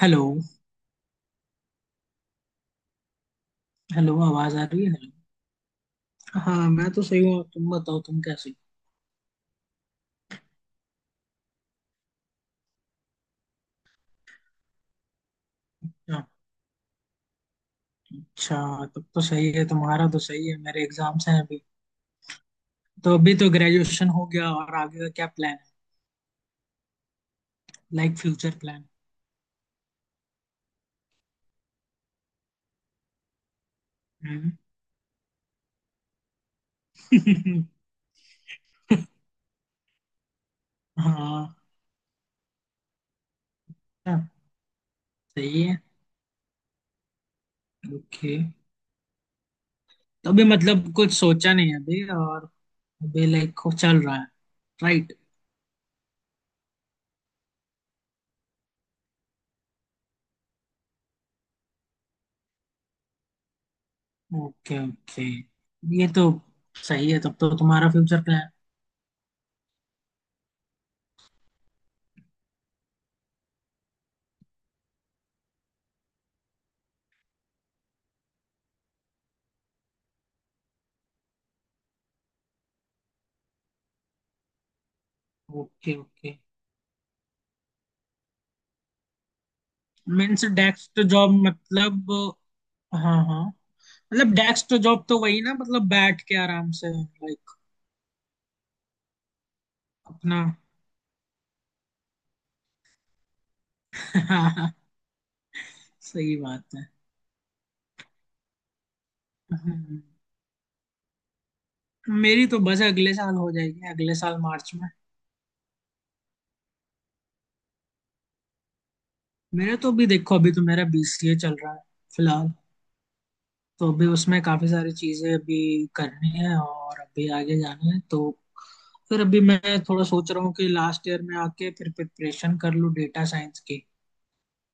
Hello. Hello, आवाज आ रही है? हेलो। हाँ, मैं तो सही हूँ, तुम बताओ तुम कैसे हो। अच्छा, तब तो सही है। तुम्हारा तो सही है, मेरे एग्जाम्स हैं अभी। तो अभी तो ग्रेजुएशन हो गया और आगे का क्या प्लान है? Like future plan. हम्म। हाँ, हाँ, सही है। ओके। तो अभी मतलब कुछ सोचा नहीं है अभी और। अभी लाइक चल रहा है। राइट। Okay okay. ये तो सही है तब तो, तुम्हारा future plan. Okay okay. Means desk job मतलब। हाँ हाँ। मतलब डेस्क तो जॉब तो वही ना, मतलब बैठ के आराम से लाइक अपना। हाँ, सही बात है। हम्म। मेरी तो बस अगले साल हो जाएगी, अगले साल मार्च में। मेरे तो अभी देखो, अभी तो मेरा BCA चल रहा है फिलहाल। तो अभी उसमें काफी सारी चीजें अभी करनी है और अभी आगे जाना है, तो फिर अभी मैं थोड़ा सोच रहा हूँ कि लास्ट ईयर में आके फिर प्रिपरेशन कर लूँ डेटा साइंस की।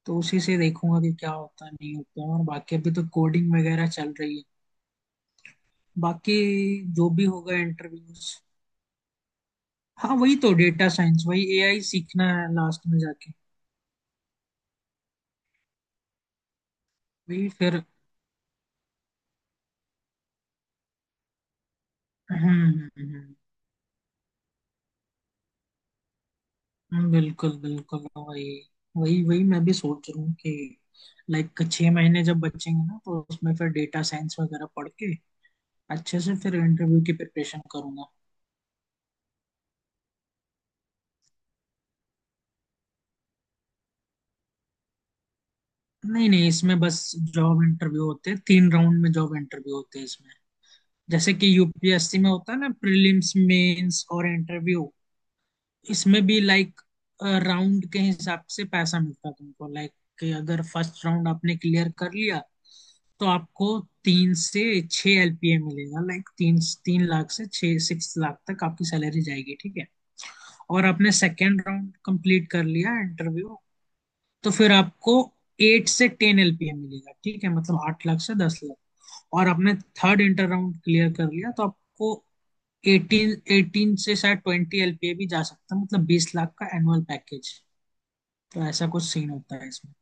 तो उसी से देखूंगा कि क्या होता है नहीं होता है। और बाकी अभी तो कोडिंग वगैरह चल रही है बाकी, जो भी होगा इंटरव्यूज। हाँ, वही तो डेटा साइंस, वही AI सीखना है लास्ट में जाके। वही फिर। हम्म हम्म, हम्म, बिल्कुल बिल्कुल। वही वही वही मैं भी सोच रहा हूँ कि लाइक 6 महीने जब बचेंगे ना तो उसमें फिर डेटा साइंस वगैरह पढ़ के अच्छे से फिर इंटरव्यू की प्रिपरेशन करूंगा। नहीं नहीं इसमें बस जॉब इंटरव्यू होते हैं, 3 राउंड में जॉब इंटरव्यू होते हैं इसमें। जैसे कि UPSC में होता है ना, प्रीलिम्स, मेंस और इंटरव्यू। इसमें भी लाइक राउंड के हिसाब से पैसा मिलता है तुमको। लाइक कि अगर फर्स्ट राउंड आपने क्लियर कर लिया तो आपको 3 से 6 LPA मिलेगा। लाइक तीन, तीन लाख से छह, सिक्स लाख तक आपकी सैलरी जाएगी, ठीक है। और आपने सेकेंड राउंड कंप्लीट कर लिया इंटरव्यू, तो फिर आपको 8 से 10 LPA मिलेगा, ठीक है मतलब 8 लाख से 10 लाख। और आपने थर्ड इंटर राउंड क्लियर कर लिया तो आपको एटीन, एटीन से शायद ट्वेंटी एलपीए भी जा सकता है, मतलब 20 लाख का एनुअल पैकेज। तो ऐसा कुछ सीन होता है इसमें।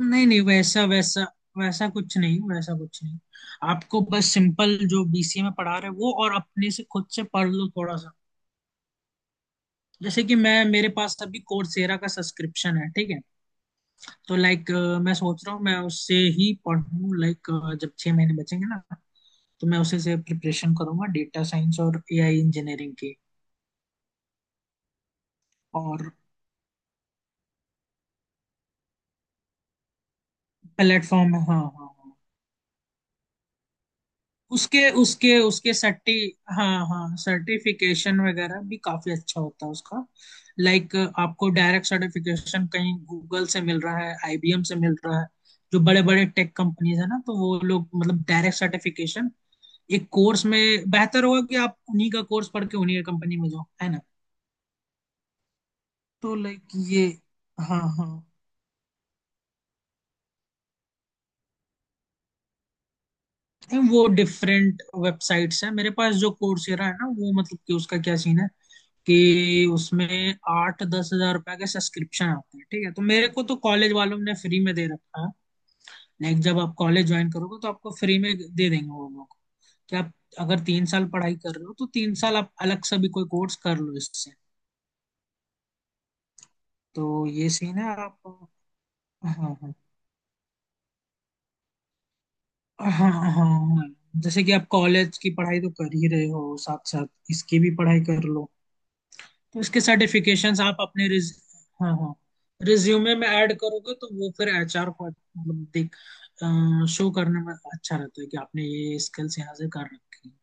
नहीं नहीं, वैसा वैसा वैसा कुछ नहीं, वैसा कुछ नहीं। आपको बस सिंपल जो BCA में पढ़ा रहे हैं वो, और अपने से खुद से पढ़ लो थोड़ा सा। जैसे कि मैं, मेरे पास अभी कोर्सेरा का सब्सक्रिप्शन है, ठीक है। तो लाइक मैं सोच रहा हूँ मैं उससे ही पढ़ूँ। लाइक जब 6 महीने बचेंगे ना तो मैं उसे से प्रिपरेशन करूंगा डेटा साइंस और AI इंजीनियरिंग की। और प्लेटफॉर्म, हाँ हाँ हाँ। उसके उसके उसके सर्टी। हाँ हाँ, सर्टिफिकेशन वगैरह भी काफी अच्छा होता है उसका। लाइक आपको डायरेक्ट सर्टिफिकेशन कहीं गूगल से मिल रहा है, IBM से मिल रहा है, जो बड़े बड़े टेक कंपनीज है ना, तो वो लोग मतलब डायरेक्ट सर्टिफिकेशन एक कोर्स में। बेहतर होगा कि आप उन्हीं का कोर्स पढ़ के उन्हीं का कंपनी में जाओ, है ना। तो लाइक ये, हाँ हाँ। नहीं, वो डिफरेंट वेबसाइट्स हैं मेरे पास। जो कोर्सेरा है ना, वो मतलब कि उसका क्या सीन है कि उसमें 8-10 हज़ार रुपए के सब्सक्रिप्शन आते हैं, ठीक है। तो मेरे को तो कॉलेज वालों ने फ्री में दे रखा है। लाइक जब आप कॉलेज ज्वाइन करोगे तो आपको फ्री में दे देंगे वो लोग। कि आप अगर 3 साल पढ़ाई कर रहे हो तो 3 साल आप अलग से भी कोई कोर्स कर लो इससे। तो ये सीन है आप। हाँ हाँ हाँ हाँ, हाँ हाँ। जैसे कि आप कॉलेज की पढ़ाई तो कर ही रहे हो, साथ साथ इसकी भी पढ़ाई कर लो, तो उसके सर्टिफिकेशंस आप अपने रिज, हाँ हाँ, रिज्यूमे में ऐड करोगे तो वो फिर HR को मतलब देख, शो करने में अच्छा रहता है कि आपने ये स्किल्स यहाँ से कर रखी हैं।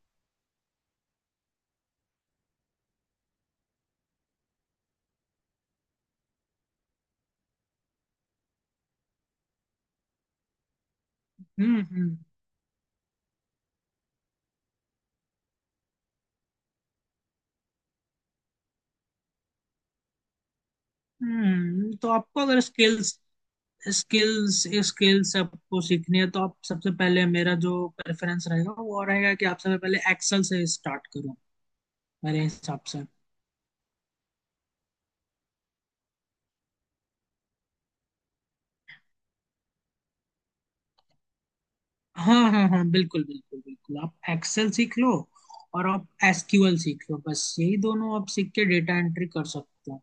हम्म हम्म तो आपको अगर स्किल्स, स्किल्स स्किल्स आपको सीखनी है तो आप सबसे पहले, मेरा जो प्रेफरेंस रहेगा वो रहेगा कि आप सबसे पहले एक्सेल से स्टार्ट करो मेरे हिसाब से। हाँ हाँ हाँ बिल्कुल बिल्कुल बिल्कुल, आप एक्सेल सीख लो और आप SQL सीख लो, बस यही दोनों आप सीख के डेटा एंट्री कर सकते हो।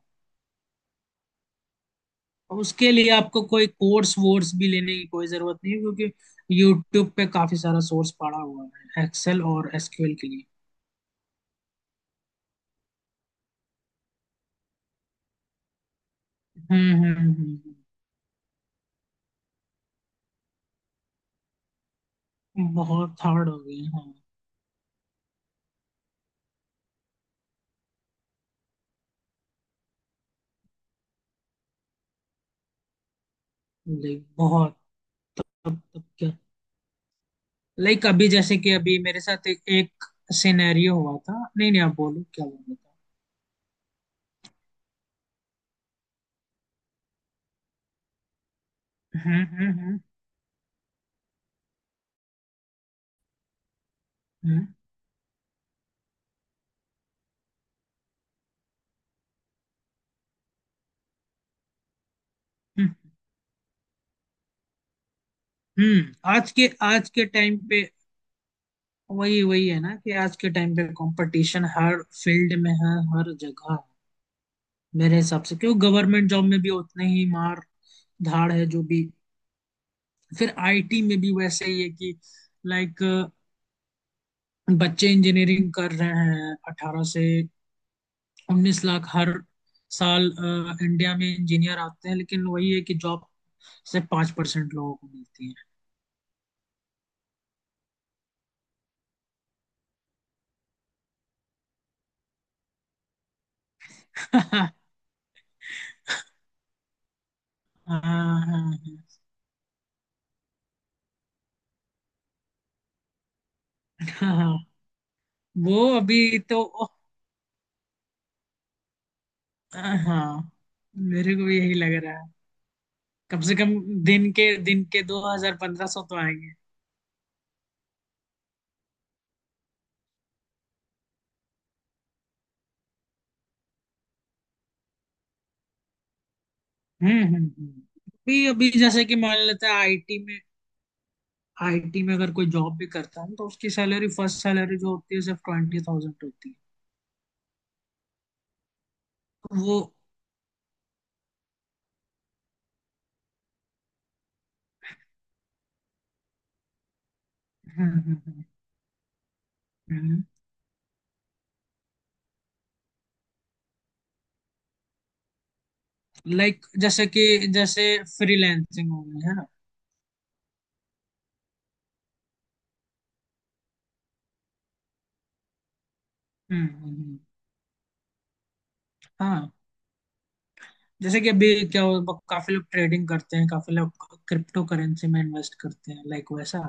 और उसके लिए आपको कोई कोर्स वोर्स भी लेने की कोई जरूरत नहीं है, क्योंकि यूट्यूब पे काफी सारा सोर्स पड़ा हुआ है एक्सेल और SQL के लिए। हम्म हम्म हम्म, बहुत हार्ड हो गए हाँ। लाइक बहुत। तब तब क्या, लाइक अभी जैसे कि अभी मेरे साथ एक सिनेरियो हुआ था। नहीं नहीं आप बोलो क्या बोल रहे थे। हम्म हम्म हम्म हम्म, हम्म। हम्म, आज के, आज के टाइम पे, वही वही है ना कि आज के टाइम पे कंपटीशन हर फील्ड में है, हर जगह है। मेरे हिसाब से क्यों, गवर्नमेंट जॉब में भी उतने ही मार धाड़ है, जो भी फिर IT में भी वैसे ही है कि लाइक बच्चे इंजीनियरिंग कर रहे हैं 18 से 19 लाख हर साल इंडिया में इंजीनियर आते हैं, लेकिन वही है कि जॉब से 5% लोगों को मिलती है। हाँ हाँ हाँ हाँ, हाँ, वो अभी तो हाँ, मेरे को भी यही लग रहा है। कम से कम दिन के दो हजार, पंद्रह सौ तो आएंगे। हम्म हम्म हम्म। अभी अभी जैसे कि मान लेते हैं IT में, IT में अगर कोई जॉब भी करता है तो उसकी सैलरी, फर्स्ट सैलरी जो होती है सिर्फ 20,000 होती है। तो वो। हम्म हम्म हम्म। लाइक जैसे कि जैसे फ्रीलैंसिंग हो गई है ना। हम्म हम्म, हम्म। हाँ जैसे कि अभी क्या हो काफी लोग ट्रेडिंग करते हैं, काफी लोग क्रिप्टो करेंसी में इन्वेस्ट करते हैं लाइक वैसा।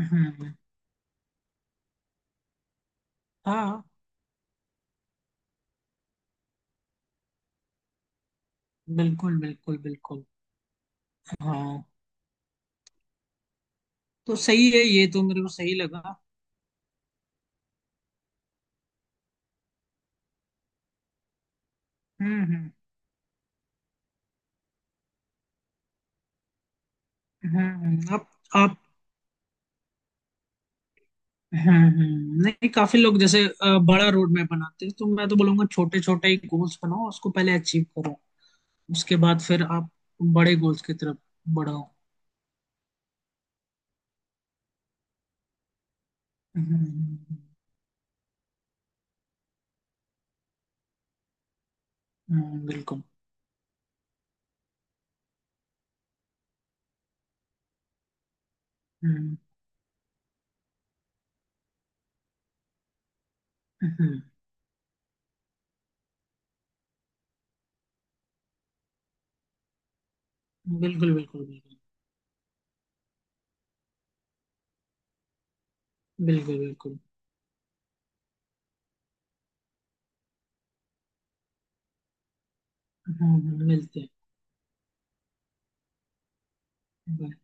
हम्म हाँ बिल्कुल बिल्कुल बिल्कुल, हाँ तो सही है, ये तो मेरे को सही लगा। हम्म हम्म हम्म हम्म, आप आप, हम्म, नहीं, काफी लोग जैसे बड़ा रोड मैप बनाते हैं तो मैं तो बोलूंगा छोटे छोटे ही गोल्स बनाओ, उसको पहले अचीव करो, उसके बाद फिर आप बड़े गोल्स की तरफ बढ़ाओ। हम्म हम्म, बिल्कुल। हम्म हम्म बिल्कुल बिल्कुल बिल्कुल बिल्कुल बिल्कुल। मिलते हैं। Bye.